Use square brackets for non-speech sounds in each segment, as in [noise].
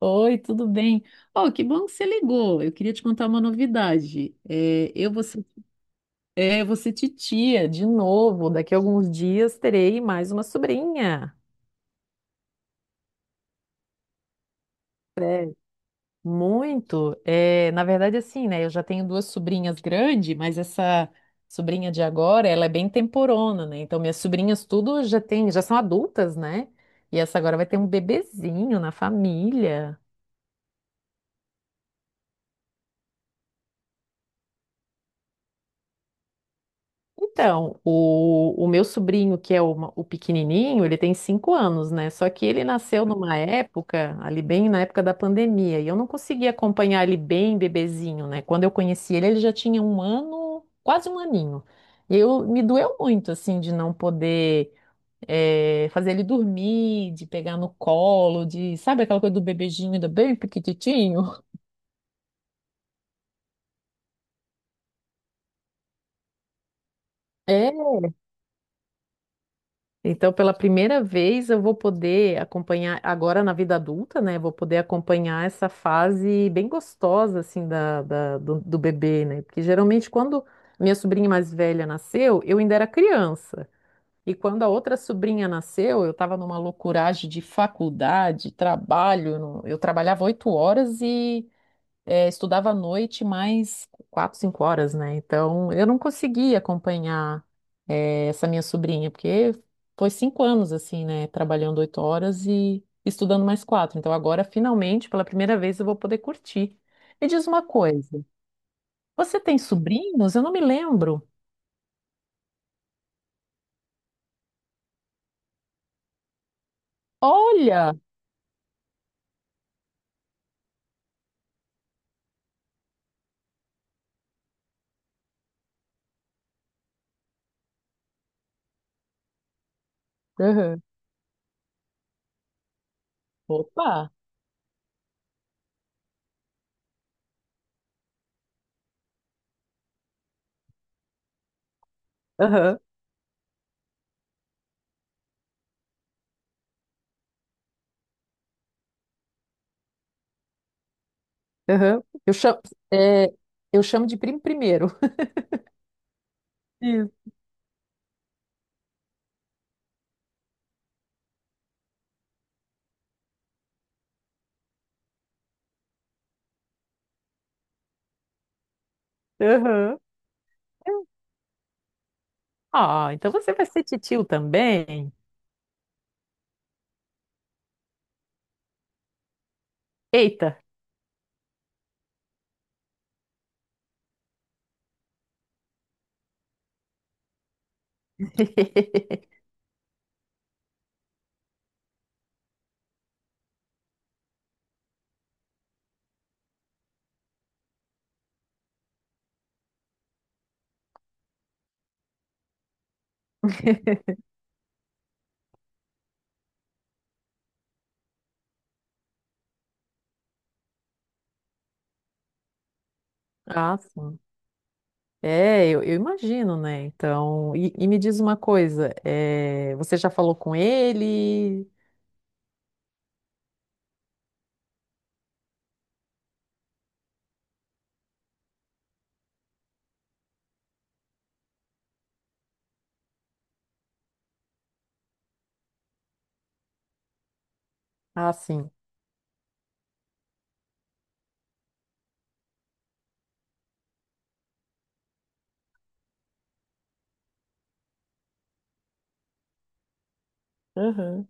Oi, tudo bem? Oh, que bom que você ligou. Eu queria te contar uma novidade. Eu vou ser titia de novo. Daqui a alguns dias terei mais uma sobrinha. É. Muito. É, na verdade, assim, né? Eu já tenho duas sobrinhas grandes, mas essa sobrinha de agora, ela é bem temporona, né? Então, minhas sobrinhas tudo já tem, já são adultas, né? E essa agora vai ter um bebezinho na família. Então, o meu sobrinho, que é o pequenininho, ele tem 5 anos, né? Só que ele nasceu numa época, ali bem na época da pandemia, e eu não conseguia acompanhar ele bem bebezinho, né? Quando eu conheci ele, ele já tinha um ano, quase um aninho. E eu me doeu muito, assim, de não poder fazer ele dormir, de pegar no colo, de, sabe aquela coisa do bebezinho, do bem pequititinho? [laughs] Então, pela primeira vez, eu vou poder acompanhar, agora na vida adulta, né? Vou poder acompanhar essa fase bem gostosa, assim, do bebê, né? Porque geralmente, quando minha sobrinha mais velha nasceu, eu ainda era criança. E quando a outra sobrinha nasceu, eu estava numa loucuragem de faculdade, trabalho. Eu não- eu trabalhava 8 horas estudava à noite mais quatro, cinco horas, né? Então eu não conseguia acompanhar essa minha sobrinha, porque foi 5 anos assim, né? Trabalhando 8 horas e estudando mais quatro. Então agora, finalmente, pela primeira vez, eu vou poder curtir. Me diz uma coisa, você tem sobrinhos? Eu não me lembro. Olha! Aham. Opa! Aham, aham. É, eu chamo de primo primeiro. Isso. Aham. Ah, então você vai ser titio também? Eita! [laughs] Ah, sim. É, eu imagino, né? Então, e me diz uma coisa, é, você já falou com ele? Ah, sim. Aham,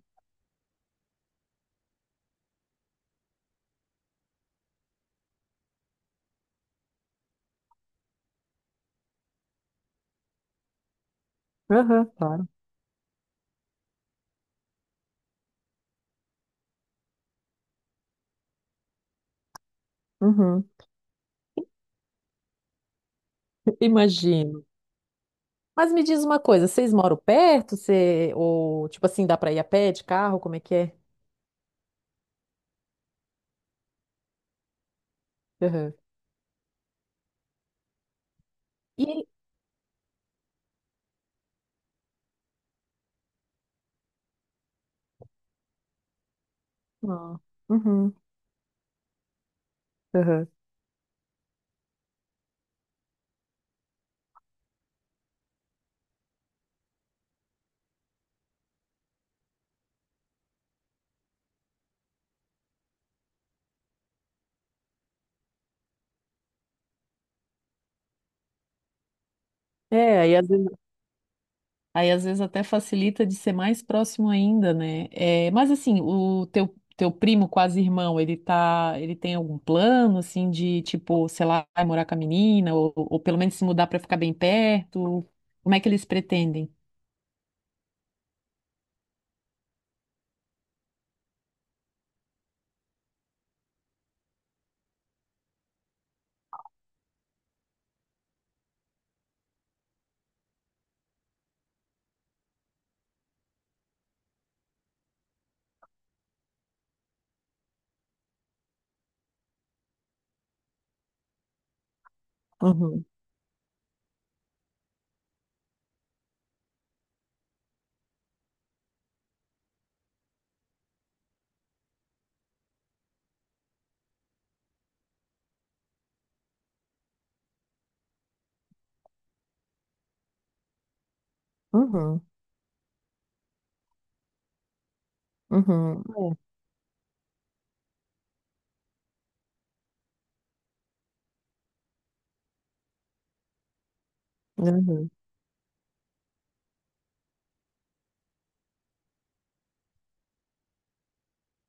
aham, claro. Uhum. [laughs] Imagino. Mas me diz uma coisa, vocês moram perto? Você, ou, tipo assim, dá pra ir a pé, de carro? Como é que é? Aham. E ele... Ah, uhum, aham. É, aí às vezes Aí às vezes até facilita de ser mais próximo ainda, né? É, mas assim, o teu primo quase irmão, ele tá, ele tem algum plano assim de tipo, sei lá, vai morar com a menina ou pelo menos se mudar para ficar bem perto? Como é que eles pretendem? Uhum, uhum, uhum, É. Uhum.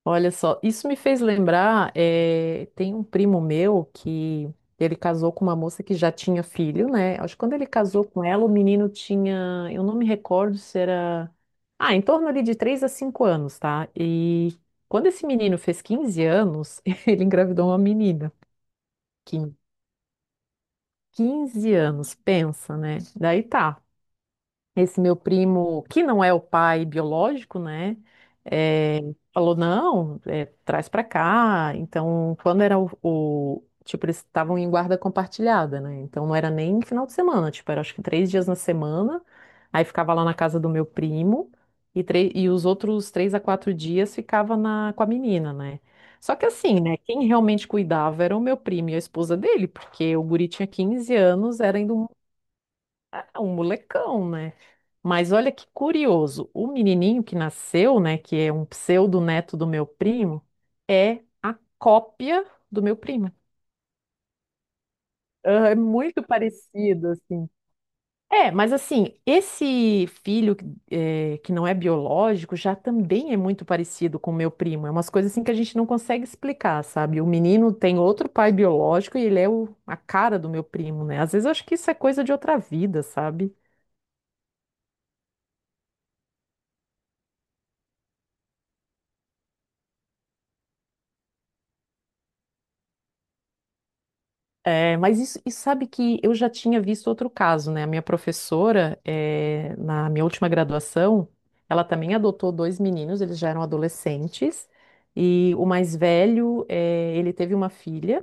Olha só, isso me fez lembrar, tem um primo meu que ele casou com uma moça que já tinha filho, né? Acho que quando ele casou com ela, o menino tinha, eu não me recordo se era, ah, em torno ali de 3 a 5 anos, tá? E quando esse menino fez 15 anos, [laughs] ele engravidou uma menina, que 15 anos, pensa, né? Daí tá, esse meu primo, que não é o pai biológico, né? eh, falou, não, traz pra cá. Então, quando era tipo, eles estavam em guarda compartilhada, né? Então, não era nem final de semana. Tipo, era acho que 3 dias na semana. Aí, ficava lá na casa do meu primo. E os outros 3 a 4 dias ficava na... com a menina, né? Só que assim, né? Quem realmente cuidava era o meu primo e a esposa dele. Porque o guri tinha 15 anos, era ainda um, ah, um molecão, né? Mas olha que curioso, o menininho que nasceu, né, que é um pseudo-neto do meu primo, é a cópia do meu primo. Ah, é muito parecido, assim. É, mas assim, esse filho que não é biológico já também é muito parecido com o meu primo. É umas coisas assim que a gente não consegue explicar, sabe? O menino tem outro pai biológico e ele é a cara do meu primo, né? Às vezes eu acho que isso é coisa de outra vida, sabe? É, mas isso, e sabe que eu já tinha visto outro caso, né? A minha professora, é, na minha última graduação, ela também adotou dois meninos, eles já eram adolescentes, e o mais velho, é, ele teve uma filha.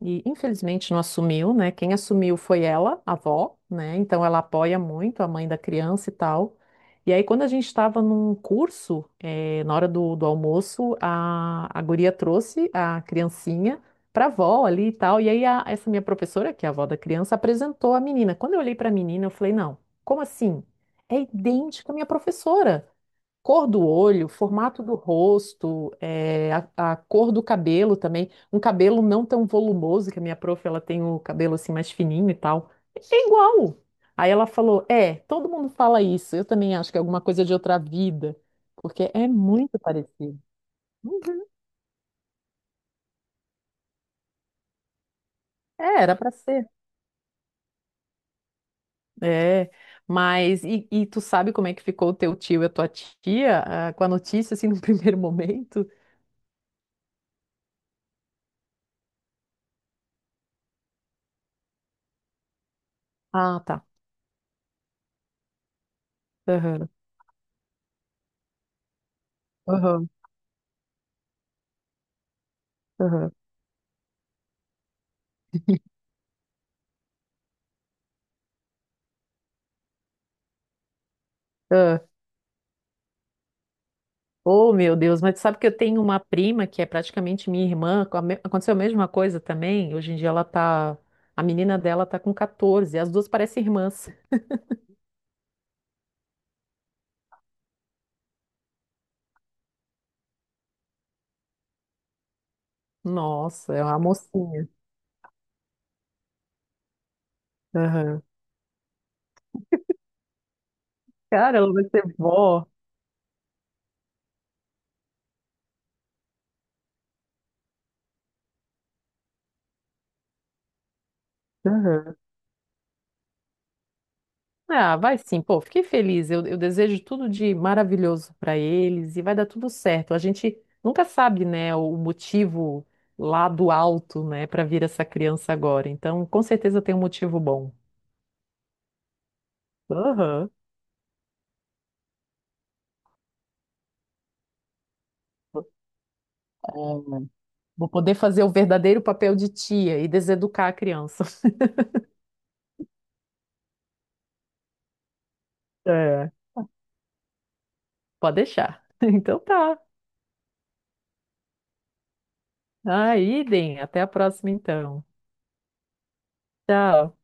E infelizmente não assumiu, né? Quem assumiu foi ela, a avó, né? Então ela apoia muito a mãe da criança e tal. E aí, quando a gente estava num curso, na hora do almoço, a guria trouxe a criancinha para a avó ali e tal. E aí, essa minha professora, que é a avó da criança, apresentou a menina. Quando eu olhei para a menina, eu falei: não, como assim? É idêntica à minha professora. Cor do olho, formato do rosto, a cor do cabelo também. Um cabelo não tão volumoso, que a minha prof, ela tem o cabelo assim mais fininho e tal. É igual. Aí ela falou: É, todo mundo fala isso. Eu também acho que é alguma coisa de outra vida, porque é muito parecido. Uhum. É, era pra ser. É, mas e tu sabe como é que ficou o teu tio e a tua tia, ah, com a notícia assim no [laughs] primeiro momento? Ah, tá. Aham, aham, aham, aham. Oh, meu Deus, mas sabe que eu tenho uma prima que é praticamente minha irmã, aconteceu a mesma coisa também. Hoje em dia ela tá, a menina dela tá com 14, as duas parecem irmãs. Nossa, é uma mocinha. Aham. Cara, ela vai ser vó. Aham. Ah, vai sim, pô, fiquei feliz. Eu desejo tudo de maravilhoso para eles e vai dar tudo certo. A gente nunca sabe, né, o motivo lá do alto, né, para vir essa criança agora. Então, com certeza tem um motivo bom. Aham. Vou poder fazer o verdadeiro papel de tia e deseducar a criança. [laughs] É. Pode deixar. [laughs] Então tá. Aí, Idem, até a próxima então. Tchau.